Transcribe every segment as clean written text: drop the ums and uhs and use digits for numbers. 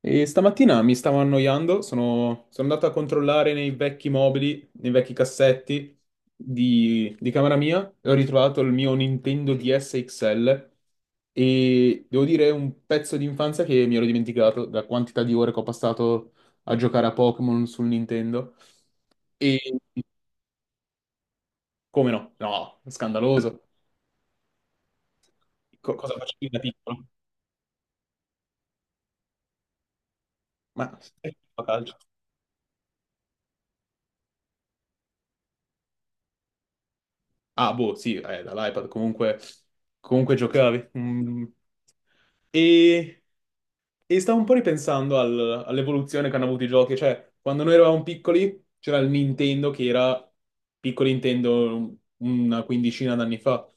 E stamattina mi stavo annoiando, sono andato a controllare nei vecchi mobili, nei vecchi cassetti di camera mia e ho ritrovato il mio Nintendo DS XL e devo dire è un pezzo di infanzia che mi ero dimenticato da quantità di ore che ho passato a giocare a Pokémon sul Nintendo. E come no? No, scandaloso. Cosa facevi da piccolo? Ma a calcio. Ah, boh, sì, dall'iPad comunque, comunque giocavi. Mm. E, e stavo un po' ripensando all'evoluzione che hanno avuto i giochi, cioè quando noi eravamo piccoli c'era il Nintendo che era piccolo Nintendo una quindicina d'anni fa,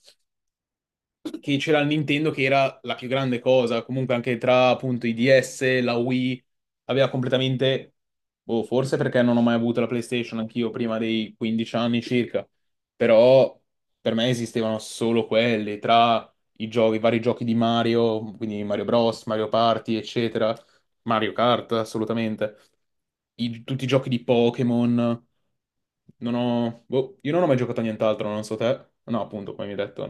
che c'era la Nintendo che era la più grande cosa, comunque anche tra appunto i DS, la Wii, aveva completamente, boh, forse perché non ho mai avuto la PlayStation anch'io prima dei 15 anni circa, però per me esistevano solo quelli, tra i giochi, i vari giochi di Mario, quindi Mario Bros, Mario Party, eccetera, Mario Kart, assolutamente, tutti i giochi di Pokémon, non ho, boh, io non ho mai giocato a nient'altro, non so te, no appunto, come mi hai detto,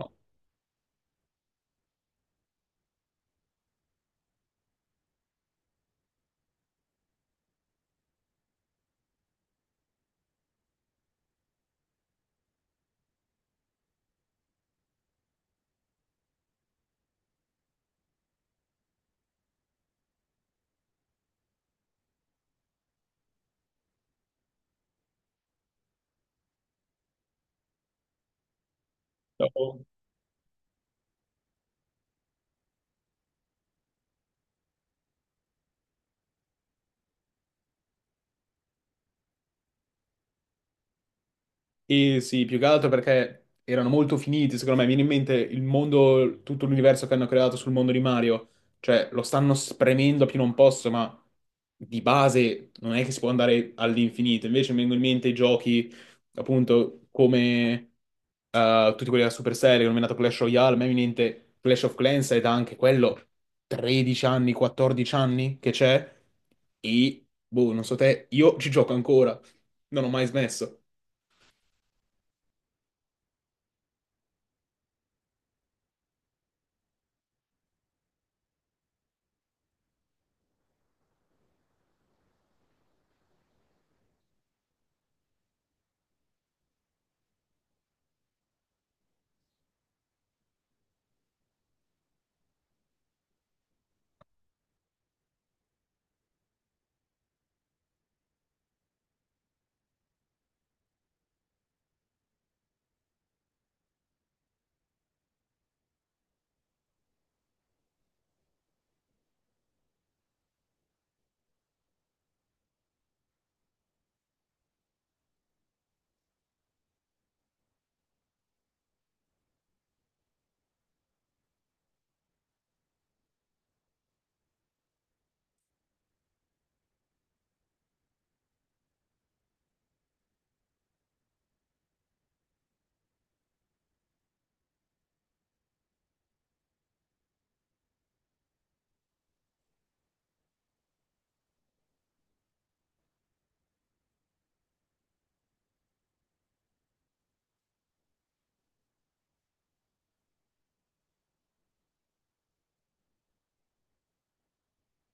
no. E sì, più che altro perché erano molto finiti, secondo me. Viene in mente il mondo, tutto l'universo che hanno creato sul mondo di Mario. Cioè, lo stanno spremendo a più non posso, ma di base non è che si può andare all'infinito. Invece mi vengono in mente i giochi, appunto, come tutti quelli della Supercell, che ho nominato Clash Royale. A me viene in mente Clash of Clans ed anche quello 13 anni, 14 anni che c'è. E, boh, non so te, io ci gioco ancora. Non ho mai smesso.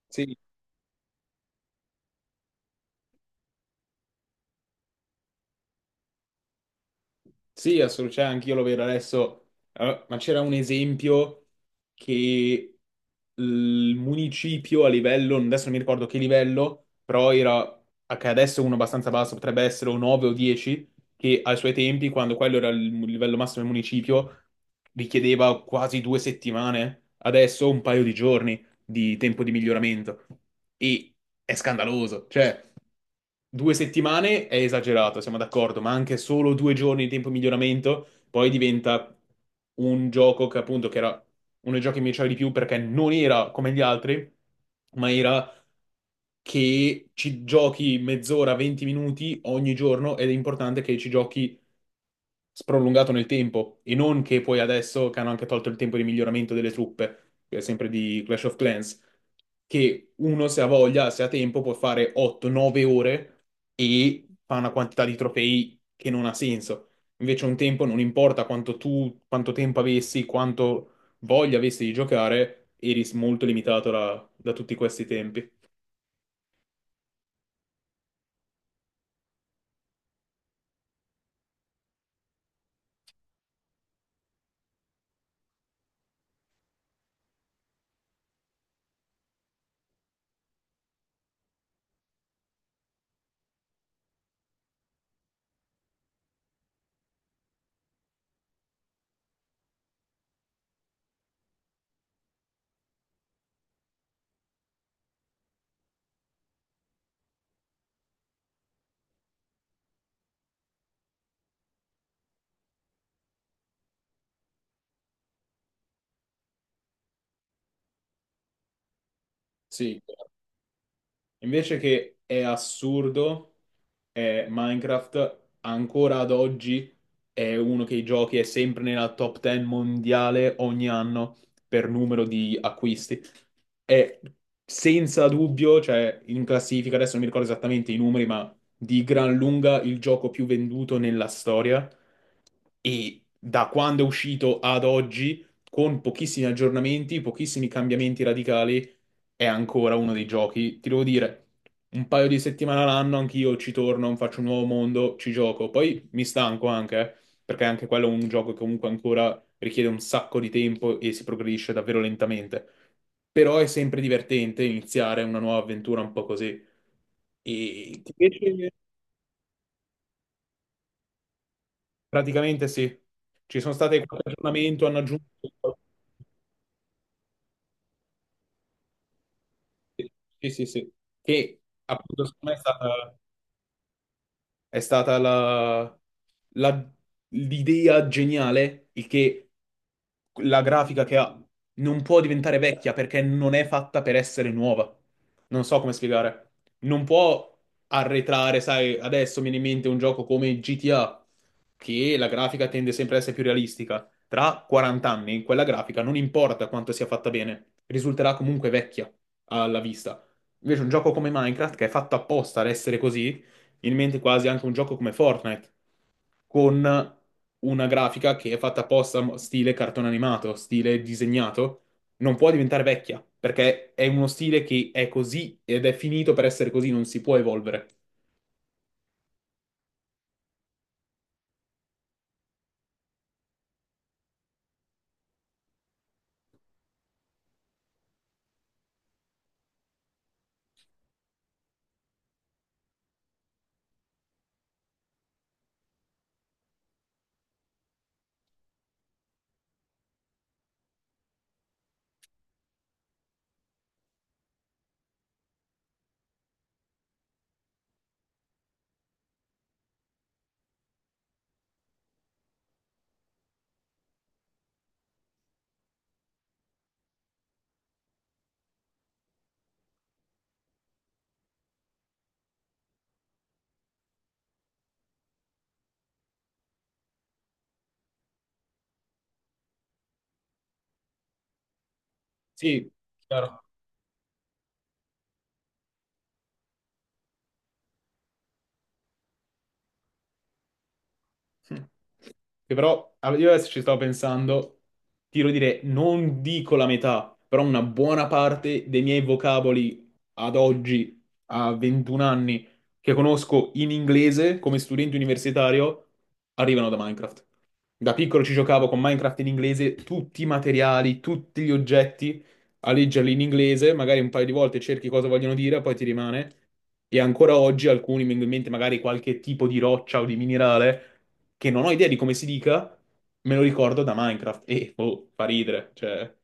Sì. Sì, assolutamente, cioè, anch'io lo vedo adesso. Ma c'era un esempio che il municipio a livello, adesso non mi ricordo che livello, però era, che adesso è uno abbastanza basso, potrebbe essere un 9 o 10, che ai suoi tempi, quando quello era il livello massimo del municipio, richiedeva quasi 2 settimane, adesso un paio di giorni di tempo di miglioramento. E è scandaloso. Cioè, due settimane è esagerato, siamo d'accordo, ma anche solo 2 giorni di tempo di miglioramento, poi diventa un gioco che appunto che era uno dei giochi che mi piaceva di più perché non era come gli altri, ma era che ci giochi mezz'ora, 20 minuti ogni giorno ed è importante che ci giochi sprolungato nel tempo e non che poi adesso che hanno anche tolto il tempo di miglioramento delle truppe, che è sempre di Clash of Clans, che uno se ha voglia, se ha tempo, può fare 8-9 ore e fa una quantità di trofei che non ha senso. Invece un tempo non importa quanto tu, quanto tempo avessi, quanto voglia avessi di giocare, eri molto limitato da tutti questi tempi. Sì. Invece che è assurdo, è Minecraft ancora ad oggi, è uno che i giochi è sempre nella top 10 mondiale ogni anno per numero di acquisti. È senza dubbio, cioè in classifica, adesso non mi ricordo esattamente i numeri, ma di gran lunga il gioco più venduto nella storia. E da quando è uscito ad oggi, con pochissimi aggiornamenti, pochissimi cambiamenti radicali, è ancora uno dei giochi, ti devo dire, un paio di settimane all'anno anch'io ci torno, faccio un nuovo mondo, ci gioco. Poi mi stanco anche, perché anche quello è un gioco che comunque ancora richiede un sacco di tempo e si progredisce davvero lentamente. Però è sempre divertente iniziare una nuova avventura un po' così. E ti piace? Praticamente sì. Ci sono state qualche aggiornamento, hanno aggiunto... Sì, sì, sì. Che appunto secondo me è stata... È stata la- l'idea geniale, il che la grafica che ha non può diventare vecchia perché non è fatta per essere nuova. Non so come spiegare. Non può arretrare, sai, adesso mi viene in mente un gioco come GTA, che la grafica tende sempre ad essere più realistica. Tra 40 anni, quella grafica non importa quanto sia fatta bene, risulterà comunque vecchia alla vista. Invece un gioco come Minecraft, che è fatto apposta ad essere così, in mente quasi anche un gioco come Fortnite, con una grafica che è fatta apposta stile cartone animato, stile disegnato, non può diventare vecchia, perché è uno stile che è così ed è finito per essere così, non si può evolvere. Sì, chiaro. Che però ah, io adesso ci stavo pensando, ti devo dire, non dico la metà, però una buona parte dei miei vocaboli ad oggi, a 21 anni, che conosco in inglese come studente universitario, arrivano da Minecraft. Da piccolo ci giocavo con Minecraft in inglese, tutti i materiali, tutti gli oggetti, a leggerli in inglese, magari un paio di volte cerchi cosa vogliono dire, poi ti rimane. E ancora oggi alcuni mi vengono in mente magari qualche tipo di roccia o di minerale che non ho idea di come si dica, me lo ricordo da Minecraft e oh, fa ridere, cioè